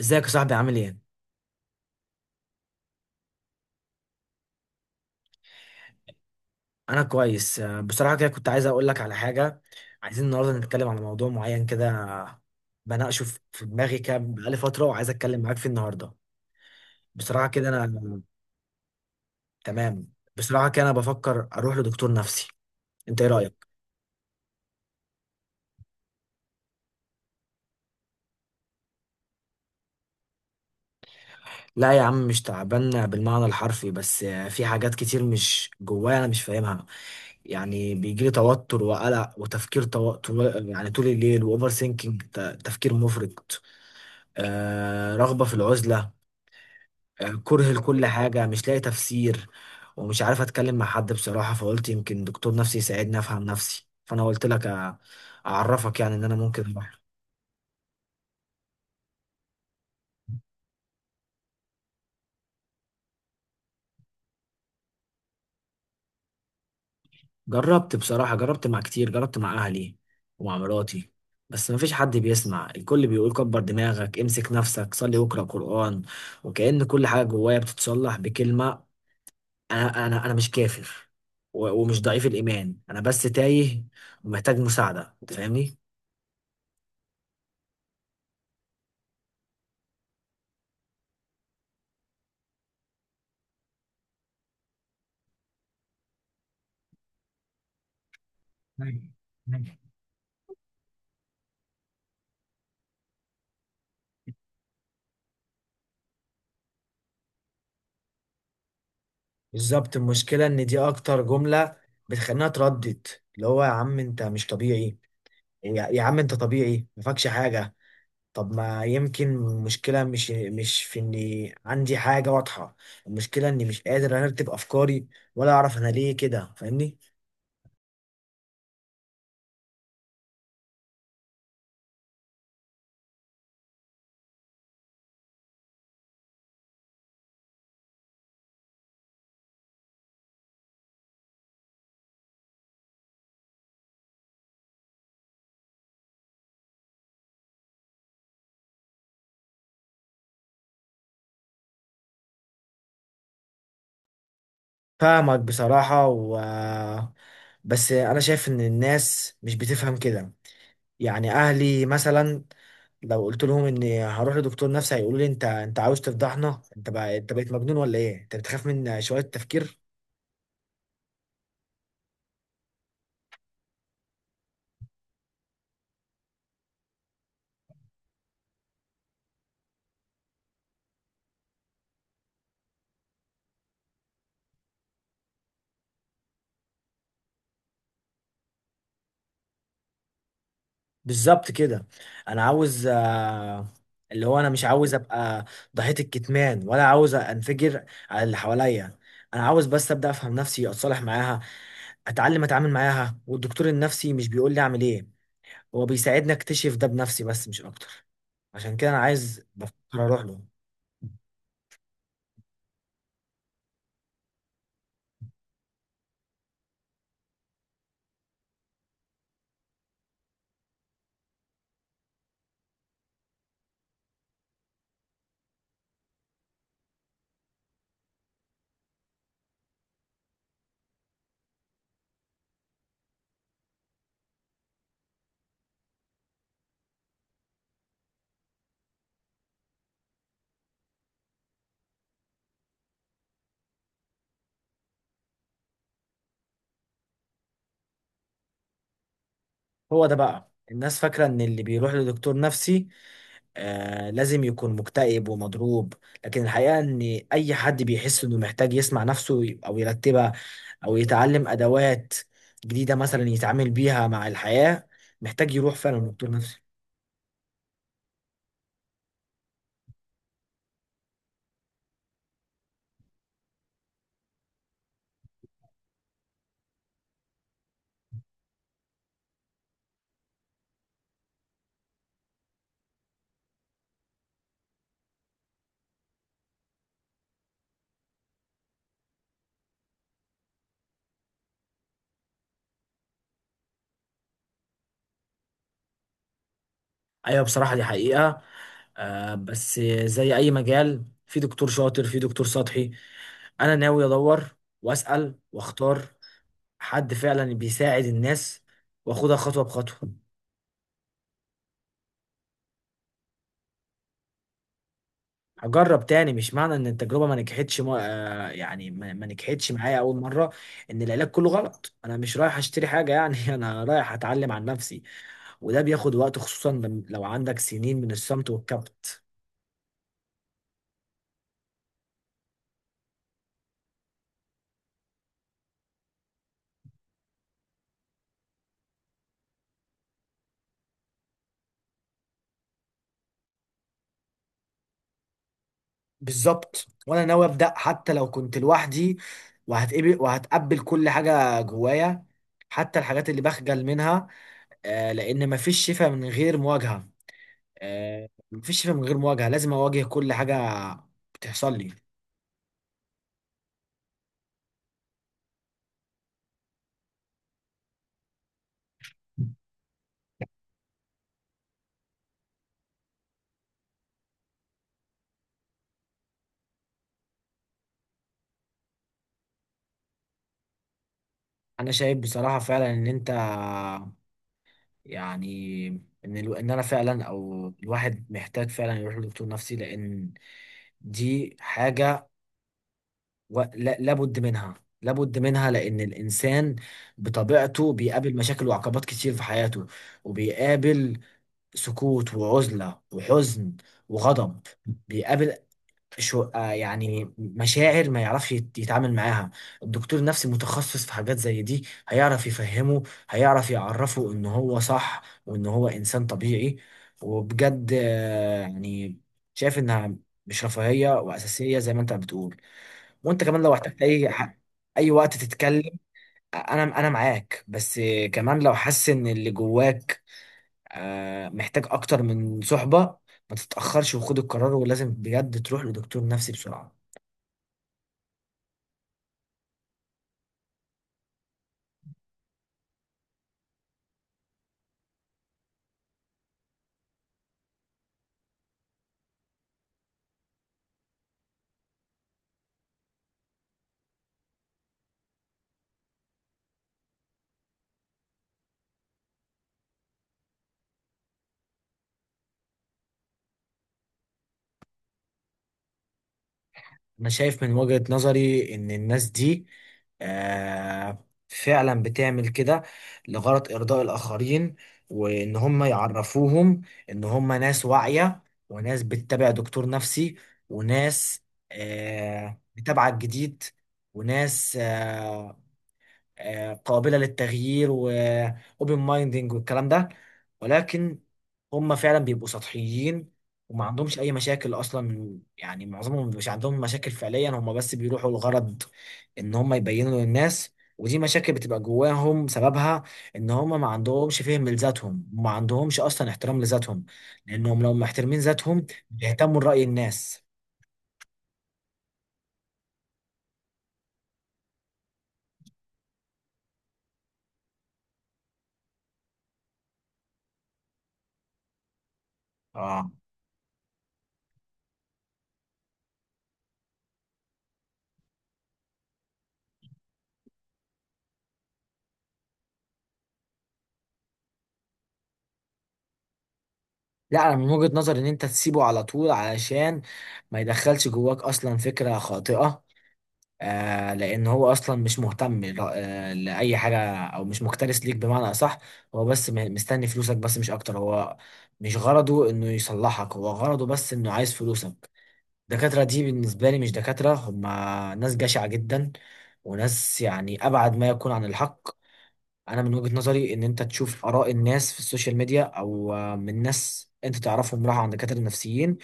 ازيك يا صاحبي؟ عامل ايه؟ انا كويس. بصراحة كده كنت عايز اقول لك على حاجة. عايزين النهاردة نتكلم على موضوع معين كده، بناقشه في دماغي كده بقالي فترة، وعايز اتكلم معاك فيه النهاردة. بصراحة كده انا تمام. بصراحة كده انا بفكر اروح لدكتور نفسي. انت ايه رأيك؟ لا يا عم، مش تعبان بالمعنى الحرفي، بس في حاجات كتير مش جوايا انا مش فاهمها. يعني بيجيلي توتر وقلق وتفكير يعني طول الليل، واوفر سينكينج، تفكير مفرط. آه، رغبة في العزلة، آه، كره لكل حاجة مش لاقي تفسير. ومش عارف اتكلم مع حد بصراحة، فقلت يمكن دكتور نفسي يساعدني افهم نفسي، فانا قلت لك اعرفك يعني ان انا ممكن اروح. جربت بصراحة، جربت مع كتير، جربت مع اهلي ومع مراتي، بس مفيش حد بيسمع. الكل بيقول كبر دماغك، امسك نفسك، صلي واقرأ قرآن، وكأن كل حاجة جوايا بتتصلح بكلمة. انا مش كافر ومش ضعيف الإيمان، أنا بس تايه، ومحتاج مساعدة، أنت فاهمني؟ بالظبط، المشكلة إن دي أكتر جملة بتخلينا تردد، اللي هو يا عم أنت مش طبيعي، يا عم أنت طبيعي، مفكش حاجة. طب ما يمكن المشكلة مش في إني عندي حاجة واضحة، المشكلة إني مش قادر أرتب أفكاري، ولا أعرف أنا ليه كده، فاهمني؟ فاهمك بصراحة، و بس أنا شايف إن الناس مش بتفهم كده. يعني أهلي مثلا لو قلت لهم اني هروح لدكتور نفسي، هيقولوا لي انت عاوز تفضحنا، انت بقى انت بقيت مجنون، ولا ايه، انت بتخاف من شوية تفكير؟ بالظبط كده. انا عاوز، اللي هو انا مش عاوز ابقى ضحية الكتمان، ولا عاوز انفجر على اللي حواليا. انا عاوز بس ابدا افهم نفسي، اتصالح معاها، اتعلم اتعامل معاها. والدكتور النفسي مش بيقول لي اعمل ايه، هو بيساعدني اكتشف ده بنفسي، بس مش اكتر. عشان كده انا عايز، بفكر اروح له. هو ده بقى، الناس فاكرة ان اللي بيروح لدكتور نفسي آه لازم يكون مكتئب ومضروب، لكن الحقيقة ان اي حد بيحس انه محتاج يسمع نفسه او يرتبها، او يتعلم ادوات جديدة مثلا يتعامل بيها مع الحياة، محتاج يروح فعلا لدكتور نفسي. ايوه، بصراحة دي حقيقة. آه بس زي اي مجال، في دكتور شاطر، في دكتور سطحي. انا ناوي ادور واسأل واختار حد فعلا بيساعد الناس، واخدها خطوة بخطوة. اجرب تاني، مش معنى ان التجربه ما نجحتش، ما آه، يعني ما نجحتش معايا اول مره، ان العلاج كله غلط. انا مش رايح اشتري حاجه يعني انا رايح اتعلم عن نفسي، وده بياخد وقت، خصوصا لو عندك سنين من الصمت والكبت. بالظبط، وانا ناوي ابدا حتى لو كنت لوحدي، وهتقبل كل حاجه جوايا، حتى الحاجات اللي بخجل منها، آه، لان مفيش شفاء من غير مواجهه. آه، مفيش شفاء من غير مواجهه، لازم اواجه كل حاجه بتحصل لي. انا شايف بصراحه فعلا ان انت يعني، ان انا فعلا، او الواحد، محتاج فعلا يروح لدكتور نفسي، لان دي حاجه، و... لا... لابد منها، لان الانسان بطبيعته بيقابل مشاكل وعقبات كتير في حياته، وبيقابل سكوت وعزله وحزن وغضب، بيقابل شو آه، يعني مشاعر ما يعرفش يتعامل معاها. الدكتور النفسي متخصص في حاجات زي دي، هيعرف يفهمه، هيعرف يعرفه ان هو صح وان هو انسان طبيعي. وبجد يعني شايف انها مش رفاهية، واساسية زي ما انت بتقول. وانت كمان لو احتجت اي وقت تتكلم، انا معاك. بس كمان لو حاسس ان اللي جواك آه، محتاج اكتر من صحبة، ما تتأخرش وخد القرار، ولازم بجد تروح لدكتور نفسي بسرعة. انا شايف من وجهة نظري ان الناس دي فعلا بتعمل كده لغرض ارضاء الاخرين، وان هم يعرفوهم ان هم ناس واعية، وناس بتتابع دكتور نفسي، وناس متابعة الجديد، وناس قابلة للتغيير، وأوبن مايندنج، والكلام ده. ولكن هم فعلا بيبقوا سطحيين، وما عندهمش أي مشاكل أصلا. يعني معظمهم مش عندهم مشاكل فعليا، هم بس بيروحوا الغرض إن هم يبينوا للناس. ودي مشاكل بتبقى جواهم، سببها إن هم ما عندهمش فهم لذاتهم، وما عندهمش أصلا احترام لذاتهم، لأنهم لو محترمين ذاتهم بيهتموا لرأي الناس. آه. لا، انا من وجهة نظري ان انت تسيبه على طول، علشان ما يدخلش جواك اصلا فكرة خاطئة. آه لان هو اصلا مش مهتم لاي حاجة، او مش مكترث ليك بمعنى اصح. هو بس مستني فلوسك بس، مش اكتر. هو مش غرضه انه يصلحك، هو غرضه بس انه عايز فلوسك. الدكاترة دي بالنسبة لي مش دكاترة، هما ناس جشعة جدا، وناس يعني ابعد ما يكون عن الحق. انا من وجهة نظري ان انت تشوف اراء الناس في السوشيال ميديا، او من ناس انت تعرفهم راحوا عند دكاترة نفسيين،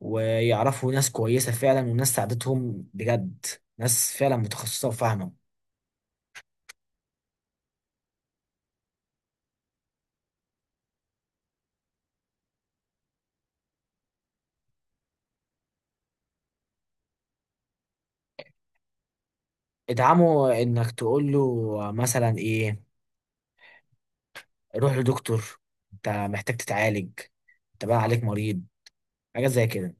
ويعرفوا ناس كويسة فعلا، وناس ساعدتهم بجد، ناس فعلا متخصصة وفاهمة. ادعمه انك تقول له مثلا ايه، روح لدكتور، انت محتاج تتعالج، انت بقى عليك مريض، حاجات زي كده.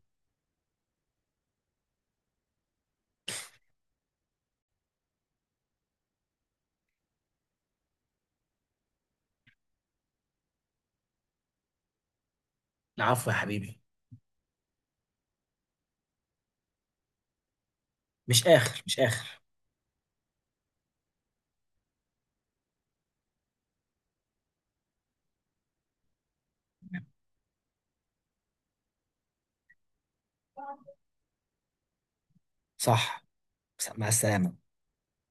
العفو يا حبيبي. مش اخر، مش اخر. صح. مع السلامة.